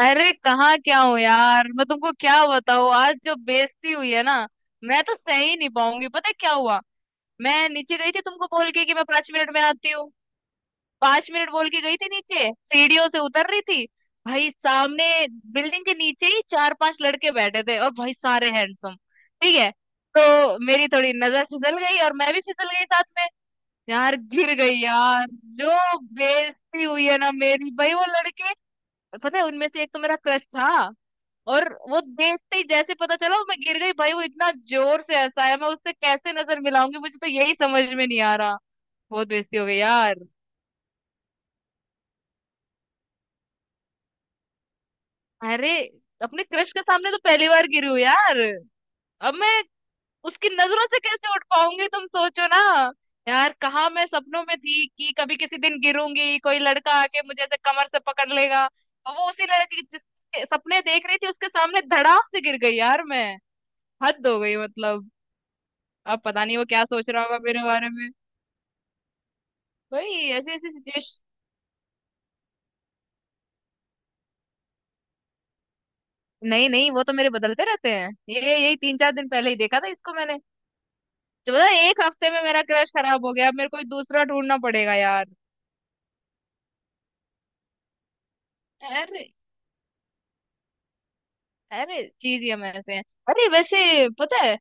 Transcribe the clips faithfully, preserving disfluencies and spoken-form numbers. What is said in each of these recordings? अरे कहाँ क्या हो यार। मैं तुमको क्या बताऊँ, आज जो बेइज्जती हुई है ना, मैं तो सह ही नहीं पाऊंगी। पता है क्या हुआ, मैं नीचे गई थी तुमको बोल के कि मैं पांच मिनट में आती हूँ। पांच मिनट बोल के गई थी, नीचे सीढ़ियों से उतर रही थी भाई, सामने बिल्डिंग के नीचे ही चार पांच लड़के बैठे थे और भाई सारे हैंडसम। ठीक है, तो मेरी थोड़ी नजर फिसल गई और मैं भी फिसल गई साथ में। यार गिर गई यार। जो बेइज्जती हुई है ना मेरी भाई, वो लड़के, पता है उनमें से एक तो मेरा क्रश था। और वो देखते ही जैसे पता चला मैं गिर गई, भाई वो इतना जोर से हंसाया, मैं उससे कैसे नजर मिलाऊंगी मुझे तो यही समझ में नहीं आ रहा। बहुत बेइज्जती हो गई यार। अरे, अपने क्रश के सामने तो पहली बार गिरी हूँ यार। अब मैं उसकी नजरों से कैसे उठ पाऊंगी तुम सोचो ना। यार कहाँ मैं सपनों में थी कि कभी किसी दिन गिरूंगी कोई लड़का आके मुझे ऐसे कमर से पकड़ लेगा, और वो उसी लड़की के जिसके सपने देख रही थी उसके सामने धड़ाम से गिर गई यार मैं। हद हो गई मतलब। अब पता नहीं वो क्या सोच रहा होगा मेरे बारे में। वही ऐसी ऐसी सिचुएशन। नहीं नहीं, वो तो मेरे बदलते रहते हैं, ये यही तीन चार दिन पहले ही देखा था इसको मैंने। तो पता है, एक हफ्ते में मेरा क्रश खराब हो गया, अब मेरे को दूसरा ढूंढना पड़ेगा यार। अरे, अरे चीज ही हम ऐसे हैं। अरे वैसे पता है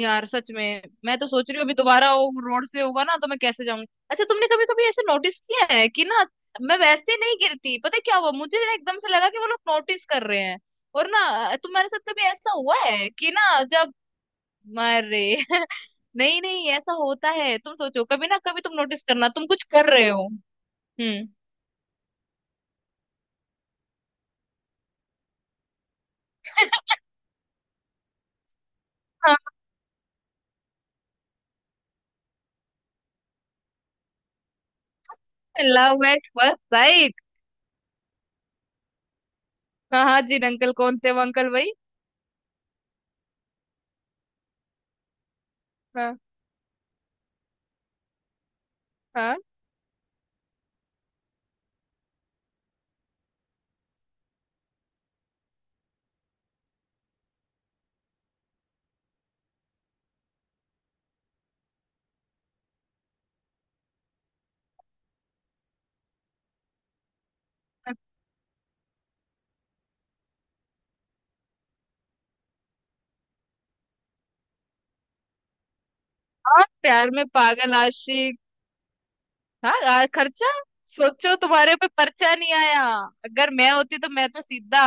यार, सच में मैं तो सोच रही हूँ अभी दोबारा वो रोड से होगा ना तो मैं कैसे जाऊंगी। अच्छा तुमने कभी कभी ऐसे नोटिस किया है कि ना, मैं वैसे नहीं गिरती, पता है क्या हुआ, मुझे ना एकदम से लगा कि वो लोग नोटिस कर रहे हैं। और ना तुम्हारे साथ कभी ऐसा हुआ है कि ना जब, अरे नहीं नहीं ऐसा होता है, तुम सोचो, कभी ना कभी तुम नोटिस करना तुम कुछ कर रहे हो। हम्म। हाँ, लव एट फर्स्ट साइट। हाँ हाँ जी, अंकल कौन थे वो अंकल भाई। हाँ हाँ, हाँ प्यार में पागल आशिक। हाँ। आ, खर्चा सोचो तुम्हारे पे पर्चा नहीं आया। अगर मैं होती तो मैं तो सीधा,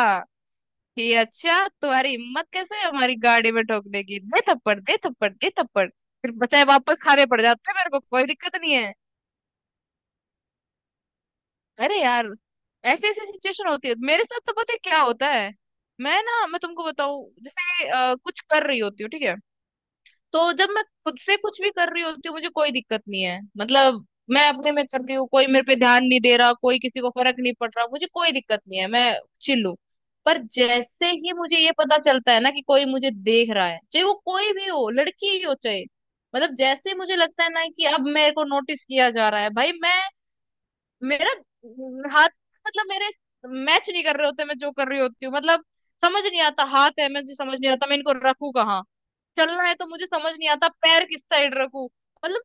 ये अच्छा तुम्हारी हिम्मत कैसे है हमारी गाड़ी में ठोकने की, दे थप्पड़ दे थप्पड़ दे थप्पड़, फिर बचाए वापस खाने पड़ जाते हैं मेरे को कोई दिक्कत नहीं है। अरे यार, ऐसे ऐसे सिचुएशन होती है मेरे साथ तो, पता है क्या होता है, मैं ना मैं तुमको बताऊं जैसे अ, कुछ कर रही होती हूँ ठीक है, तो जब मैं खुद से कुछ भी कर रही होती हूँ मुझे कोई दिक्कत नहीं है मतलब। मैं अपने में कर रही हूँ, कोई मेरे पे ध्यान नहीं दे रहा, कोई किसी को फर्क नहीं पड़ रहा, मुझे कोई दिक्कत नहीं है, मैं चिल्लू। पर जैसे ही मुझे ये पता चलता है ना कि कोई मुझे देख रहा है, चाहे वो कोई भी हो लड़की ही हो चाहे, मतलब जैसे मुझे लगता है ना कि अब मेरे को नोटिस किया जा रहा है भाई, मैं मेरा हाथ मतलब मेरे मैच नहीं कर रहे होते मैं जो कर रही होती हूँ मतलब। समझ नहीं आता हाथ है मुझे समझ नहीं आता मैं इनको रखूं कहाँ। चलना है तो मुझे समझ नहीं आता पैर किस साइड रखूं। मतलब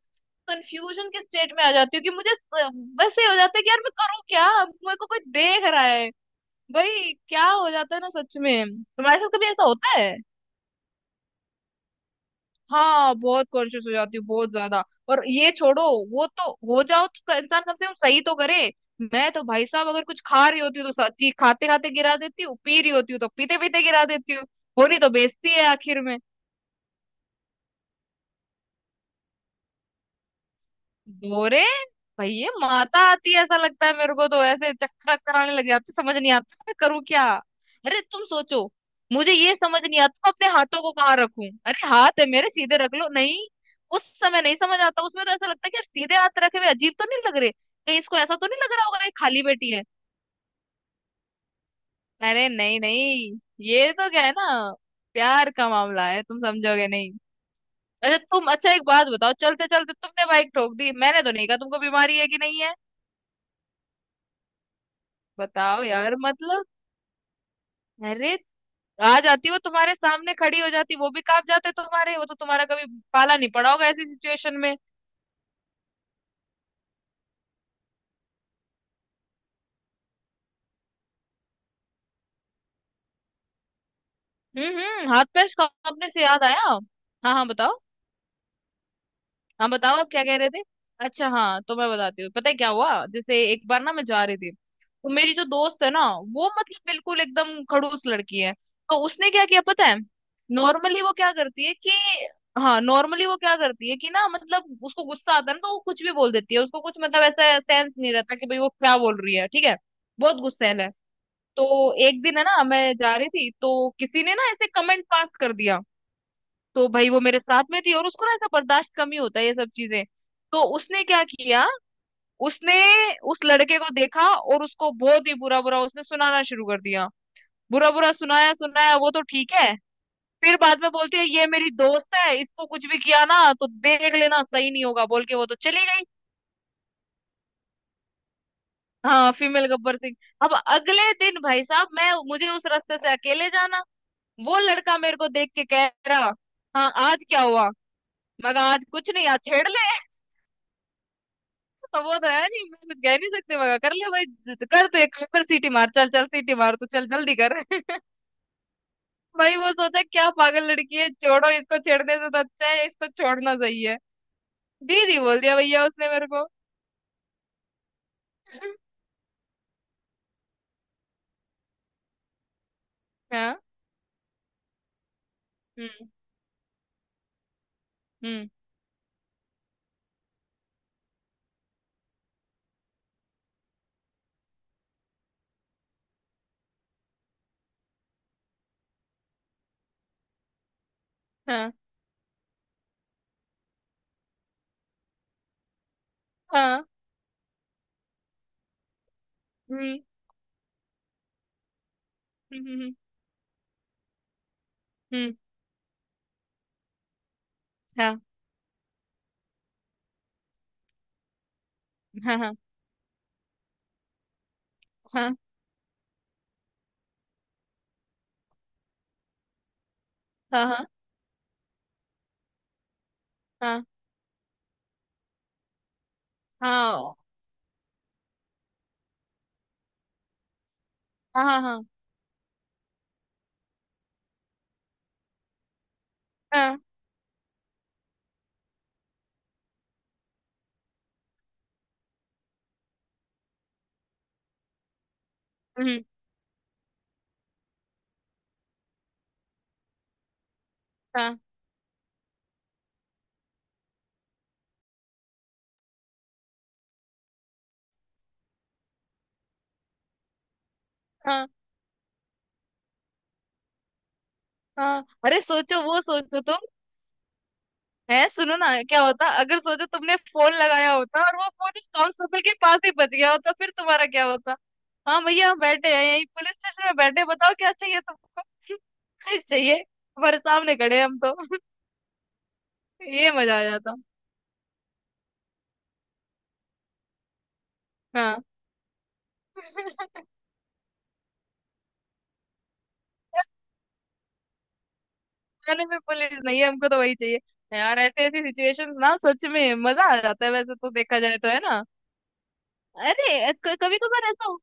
कंफ्यूजन के स्टेट में आ जाती हूँ, कि मुझे अ, बस ये हो जाता है कि यार मैं करूँ क्या, मेरे को कोई देख रहा है भाई। क्या हो जाता है ना सच में, तुम्हारे साथ कभी ऐसा होता है। हाँ बहुत कॉन्शियस हो जाती हूँ, बहुत ज्यादा। और ये छोड़ो, वो तो हो जाओ तो तो इंसान कम से कम सही तो करे। मैं तो भाई साहब अगर कुछ खा रही होती हूँ तो सच्ची खाते खाते गिरा देती हूँ, पी रही होती हूँ तो पीते पीते गिरा देती हूँ। होनी तो बेइज्जती है आखिर में। बोरे, भैया माता आती है ऐसा लगता है मेरे को, तो ऐसे चक्कर कराने लग जाते समझ नहीं आता मैं करूँ क्या। अरे तुम सोचो, मुझे ये समझ नहीं आता तो अपने हाथों को कहाँ रखूं, अरे हाथ है मेरे सीधे रख लो नहीं उस समय नहीं समझ आता। उसमें तो ऐसा लगता है कि यार सीधे हाथ रखे हुए अजीब तो नहीं लग रहे, कहीं इसको ऐसा तो नहीं लग रहा होगा ये खाली बैठी है। अरे नहीं नहीं, ये तो क्या है ना, प्यार का मामला है तुम समझोगे नहीं। अच्छा तुम, अच्छा एक बात बताओ, चलते चलते तुमने बाइक ठोक दी, मैंने तो नहीं कहा तुमको बीमारी है कि नहीं है। बताओ यार मतलब। अरे, आ जाती वो तुम्हारे सामने खड़ी हो जाती वो भी कांप जाते तुम्हारे, वो तो तुम्हारा कभी पाला नहीं पड़ा होगा ऐसी सिचुएशन में। हम्म हम्म, हाथ पैर कांपने से याद आया। हाँ हाँ बताओ। हाँ बताओ आप क्या कह रहे थे। अच्छा हाँ तो मैं बताती हूँ, पता है क्या हुआ, जैसे एक बार ना मैं जा रही थी तो मेरी जो दोस्त है ना, वो मतलब बिल्कुल एकदम खड़ूस लड़की है। तो उसने क्या किया पता है, नॉर्मली वो क्या करती है कि, हाँ नॉर्मली वो क्या करती है कि ना, मतलब उसको गुस्सा आता है ना तो वो कुछ भी बोल देती है, उसको कुछ मतलब ऐसा सेंस नहीं रहता कि भाई वो क्या बोल रही है ठीक है। बहुत गुस्सैल है। तो एक दिन है ना मैं जा रही थी, तो किसी ने ना ऐसे कमेंट पास कर दिया। तो भाई वो मेरे साथ में थी और उसको ना ऐसा बर्दाश्त कम ही होता है ये सब चीजें। तो उसने क्या किया, उसने उस लड़के को देखा और उसको बहुत ही बुरा बुरा उसने सुनाना शुरू कर दिया। बुरा बुरा सुनाया सुनाया वो तो ठीक है, फिर बाद में बोलती है ये मेरी दोस्त है इसको कुछ भी किया ना तो देख लेना सही नहीं होगा, बोल के वो तो चली गई। हाँ फीमेल गब्बर सिंह। अब अगले दिन भाई साहब मैं, मुझे उस रास्ते से अकेले जाना, वो लड़का मेरे को देख के कह रहा, हाँ आज क्या हुआ। मैं कहा आज कुछ नहीं आज छेड़ ले, अब वो तो है नहीं मैं कुछ कह नहीं सकते मगर कर ले भाई। ज- कर तो एक कर, सीटी मार चल चल सीटी मार तू चल जल्दी कर भाई वो सोचा क्या पागल लड़की है, छोड़ो इसको छेड़ने से तो अच्छा है इसको छोड़ना सही है। दीदी बोल दिया भैया उसने मेरे को। हाँ। हम्म हम्म। हाँ हाँ। हम्म हम्म। हम्म हम्म, हम्म, हाँ हाँ हाँ हाँ हाँ हाँ हाँ हाँ हाँ हाँ, हाँ, हाँ, हम्म, हाँ हाँ हाँ। अरे सोचो, वो सोचो तुम, है सुनो ना, क्या होता अगर सोचो तुमने फोन लगाया होता और वो फोन उस कांस्टेबल के पास ही बच गया होता फिर तुम्हारा क्या होता। हाँ भैया हम बैठे हैं यहीं पुलिस स्टेशन में बैठे हैं, बताओ क्या चाहिए तुमको कुछ चाहिए, हमारे सामने खड़े हैं हम तो ये मजा आ जाता। हाँ थाने में पुलिस नहीं है हमको तो वही चाहिए। यार ऐसे ऐसी सिचुएशंस ना सच में मजा आ जाता है वैसे तो देखा जाए तो है ना। अरे कभी कभार ऐसा हो।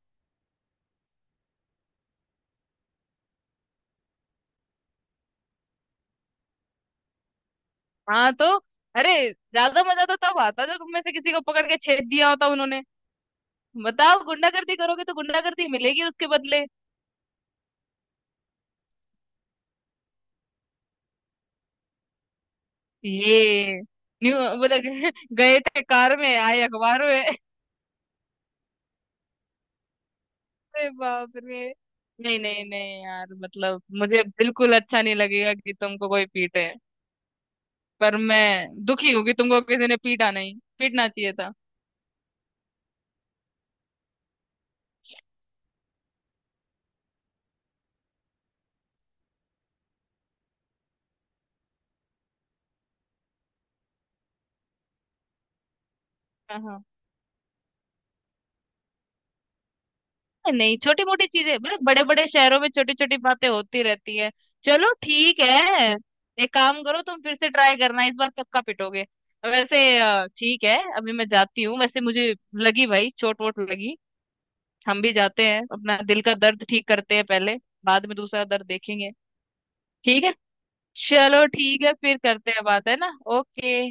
हाँ तो, अरे ज्यादा मजा तो तब आता जब तुम में से किसी को पकड़ के छेद दिया होता उन्होंने। बताओ, गुंडागर्दी करोगे तो गुंडागर्दी मिलेगी उसके बदले। ये न्यू मतलब गए थे कार में आए अखबार में। अरे बाप रे। नहीं नहीं नहीं यार, मतलब मुझे बिल्कुल अच्छा नहीं लगेगा कि तुमको कोई पीटे, पर मैं दुखी हूँ कि तुमको किसी ने पीटा नहीं, पीटना चाहिए था। हाँ हाँ। नहीं छोटी मोटी चीजें, मतलब बड़े बड़े शहरों में छोटी छोटी बातें होती रहती है। चलो ठीक है, एक काम करो तुम फिर से ट्राई करना इस बार पक्का पिटोगे। वैसे अ, ठीक है अभी मैं जाती हूँ, वैसे मुझे लगी भाई चोट वोट लगी। हम भी जाते हैं अपना दिल का दर्द ठीक करते हैं पहले, बाद में दूसरा दर्द देखेंगे। ठीक है, चलो ठीक है फिर करते हैं बात है ना। ओके।